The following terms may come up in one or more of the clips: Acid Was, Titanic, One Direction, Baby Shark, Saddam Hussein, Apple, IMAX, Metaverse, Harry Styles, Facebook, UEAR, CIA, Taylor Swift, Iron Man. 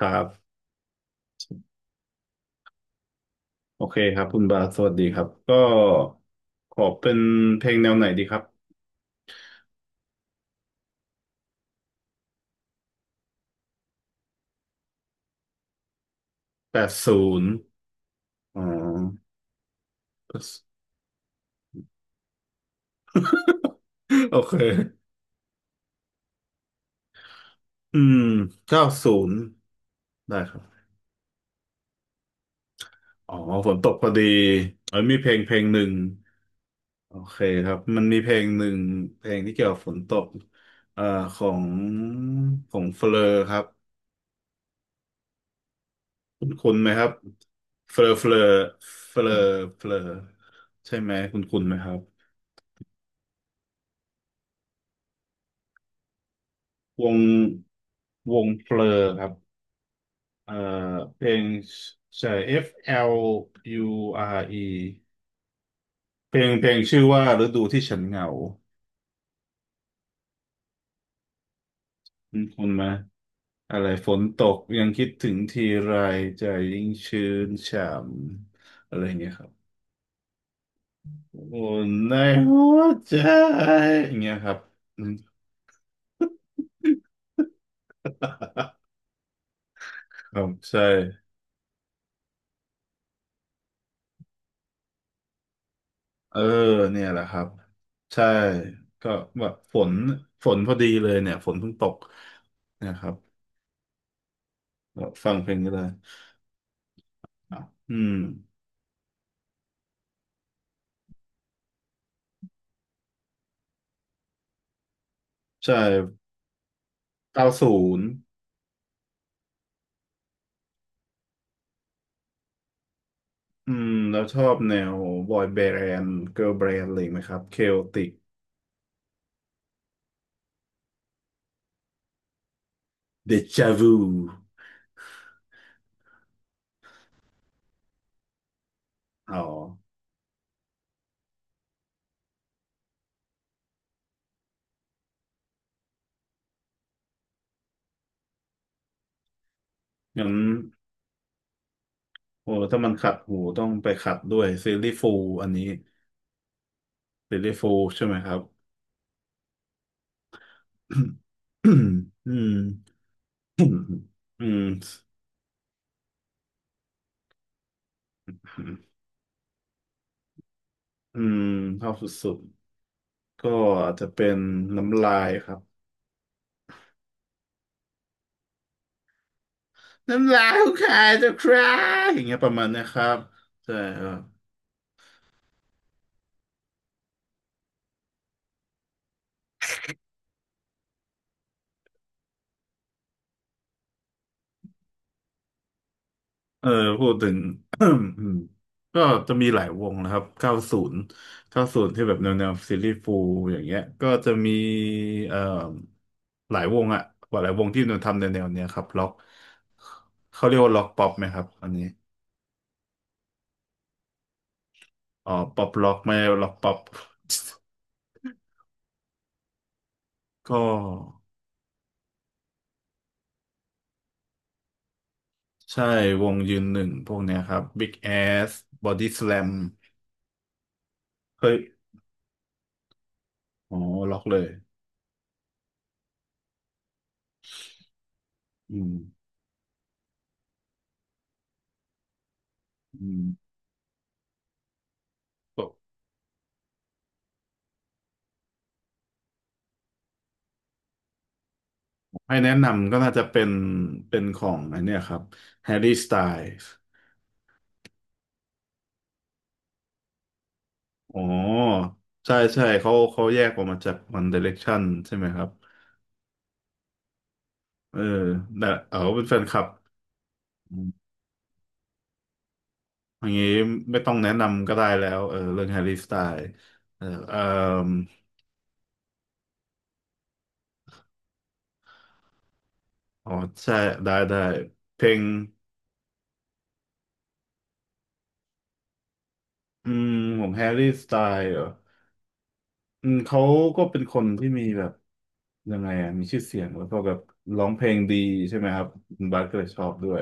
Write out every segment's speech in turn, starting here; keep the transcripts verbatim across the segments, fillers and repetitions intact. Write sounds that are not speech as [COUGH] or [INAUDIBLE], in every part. ครับโอเคครับคุณบาสสวัสดีครับก็ขอเป็นเพลงแนวไหนดีครับแปดศูนย์อ๋อ [LAUGHS] โอเคอืมเก้าศูนย์ได้ครับอ๋อฝนตกพอดีเอ้ยมีเพลงเพลงหนึ่งโอเคครับมันมีเพลงหนึ่งเพลงที่เกี่ยวกับฝนตกเอ่อของของเฟลอครับคุณคุณไหมครับเฟลอเฟลอเฟลอเฟลอใช่ไหมคุณคุณไหมครับ วงวงเพลอครับเอ่อเพลงใช่ เอฟ แอล ยู อาร์ อี เพลงเพลงชื่อว่าฤดูที่ฉันเหงาคุณคุณไหมอะไรฝนตกยังคิดถึงทีไรใจยิ่งชื้นฉ่ำอะไรอย่างเงี้ยครับอุ่นในหัวใจอย่างเงี้ยครับ [LAUGHS] อืม [LAUGHS] ครับใช่ เออเนี่ยแหละครับใช่ก็แบบฝนฝนพอดีเลยเนี่ยฝนเพิ่งตกเนะครับก็ฟังเพลงก็ได้อ่ะอืมใช่เก้าศูนย์อืมแล้วชอบแนวบอยแบนด์เกิร์ลแบนด์อะไรไหมครับเคโอติกเดจาวูอ๋องั้นโอ้ถ้ามันขัดหูต้องไปขัดด้วยซีรีส์ฟูลอันนี้ซีรีส์ฟูลใช่ไหมครับ [COUGHS] อืม [COUGHS] อืม อืมชอบสุดๆก็อาจจะเป็นน้ำลายครับน้ำลายของใครจะคราอย่างเงี้ยประมาณเนะครับใช่ครับเออพูดถึง [COUGHS] [CLEARS THROAT] อืมก็จะมีหลายวงนะครับเก้าศูนย์เก้าศูนย์ที่แบบแนวแนวซีรีส์ฟูลอย่างเงี้ยก็จะมีเอ่อหลายวงอะหลายวงที่นนทำแนวแนวเนี้ยครับล็อกเขาเรียกว่าล็อกป๊อปไหมครับอันนี้อ๋อป๊อปล็อกไม่ล็อกป๊อป [LAUGHS] ก็ ใช่วงยืนหนึ่งพวกเนี้ยครับ Big Ass Body Slam เคยอ๋อล็อกเลยอืมอืมก็ให้แนะนำก็น่าจะเป็นเป็นของไอันเนี้ยครับ Harry Styles อ๋อใช่ใช่เขาเขาแยกออกมาจาก One Direction ใช่ไหมครับเออแต่เออเป็นแฟนคลับอมอย่างนี้ไม่ต้องแนะนำก็ได้แล้วเออเรื่อง Harry Styles เออเอออ๋อใช่ได้ได้เพลงอืมของแฮร์รี่สไตล์เหรอ อืมเขาก็เป็นคนที่มีแบบยังไงอ่ะมีชื่อเสียงแล้วก็แบบร้องเพลงดีใช่ไหมครับคุณบาสก็เลยชอบด้วย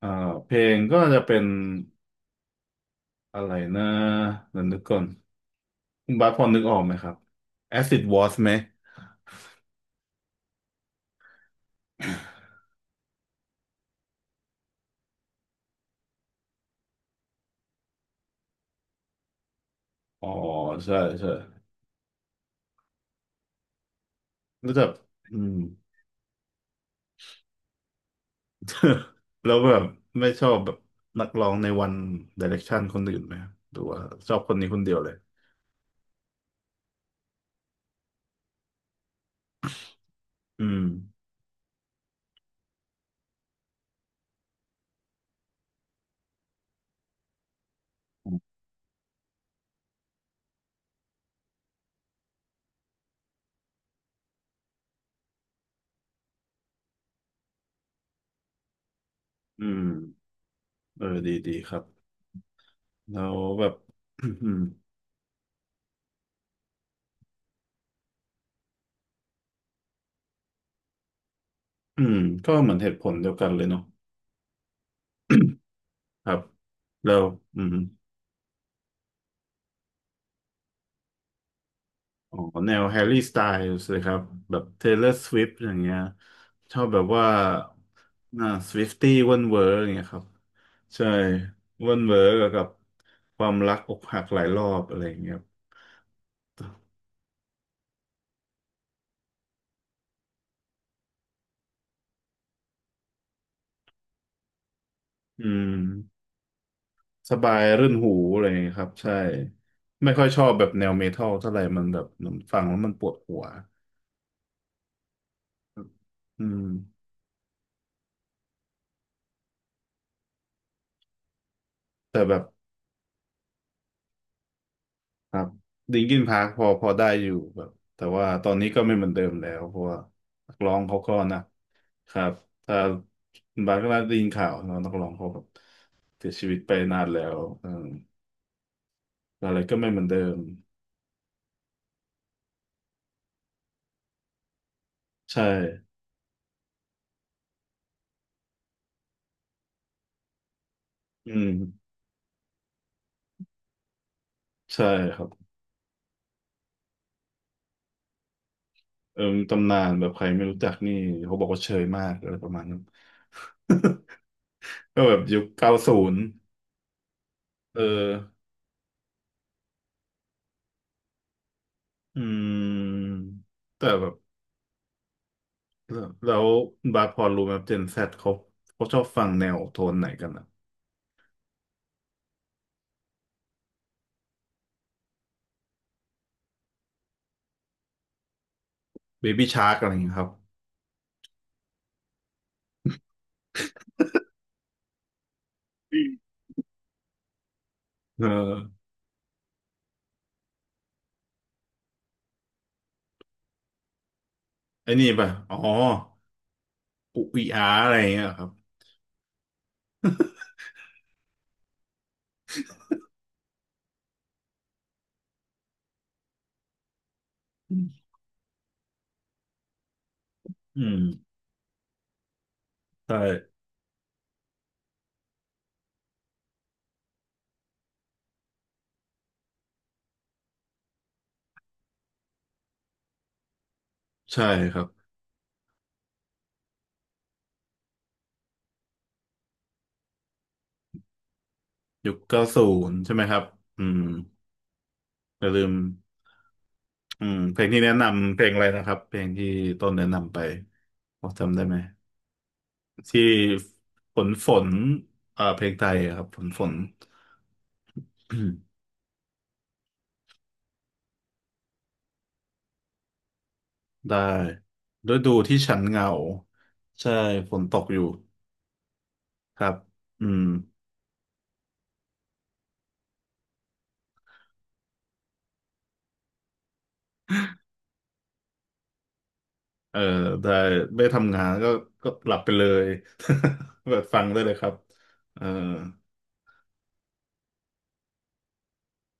อ่าเพลงก็จะเป็นอะไรนะเดี๋ยวนึกก่อนคุณบาสพอนึกออกไหมครับ Acid Was ไหมอ๋อใช่ใช่รู้จักอืม [LAUGHS] แล้วแบบไม่ชอบแบบนักร้องในวัน Direction คนอื่นไหมครับหรือว่าชอบคนนี้คนเดียวเลยอืมอืมเออดีดีครับแล้วแบบ [CLEARS THROAT] อืมก็เหมือนเหตุผลเดียวกันเลยเนาะครับแล้วอืมอ๋อแนวแฮร์รี่สไตล์เลยครับแบบ Taylor Swift อร์สวิฟต์อย่างเงี้ยชอบแบบว่าน่าสวิฟตี้เว่นเวอร์อย่างเงี้ยครับใช่เว่นเวอร์กับความรักอกหักหลายรอบอะไรอย่างเงี้ยครับอืมสบายรื่นหูอะไรอย่างเงี้ยครับใช่ไม่ค่อยชอบแบบแนวเมทัลเท่าไหร่มันแบบมันฟังแล้วมันปวดหัวอืมแต่แบบ ครับดิงกินพาร์คพอพอได้อยู่แบบแต่ว่าตอนนี้ก็ไม่เหมือนเดิมแล้วเพราะว่านักร้องเขาก็นะครับถ้าบางก็ได้ยินข่าวเนอะนักร้องเขาแบบเสียชีวิตไปนานแล้วเอออะไรก็ไม่เหมือนเดิมใช่อืมใช่ครับเออมีตำนานแบบใครไม่รู้จักนี่เขาบอกว่าเชยมากอะไรประมาณนั้น [LAUGHS] ก็แบบยุคเก้าศูนย์เอออืมแต่แบบ แล้วแล้วบาสพอรู้ไหมเจนแซดเขาเขาชอบฟังแนวโทนไหนกันอะเบบี้ชาร์กอะไรอย่างเงี้ยครับอืมเออไอ้นี่ป่ะอ๋ออุอีอาร์อะไรอย่างเงี้ยครับอืมใช่ใช่ครับยุคเก้าศูนย์ใช่ไหมครับอืมอย่าลืมอืมเพลงที่แนะนำเพลงอะไรนะครับเพลงที่ต้นแนะนำไปพอจำได้ไหมที่ฝนฝนอ่าเพลงไทยอะครับฝนฝน ได้ฤดูที่ฉันเหงาใช่ฝนตกอยู่ครับอืมเออได้ไม่ทำงานก็ก็หลับไปเลย [LAUGHS] แบบฟังได้เลยครับเออ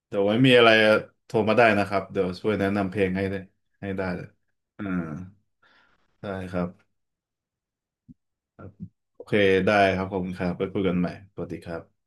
เดี๋ยวไว้มีอะไรโทรมาได้นะครับเดี๋ยวช่วยแนะนำเพลงให้ได้ให้ได้เลยอ่าได้ครับโอเคได้ครับขอบคุณครับไปคุยกันใหม่สวัสดีครับ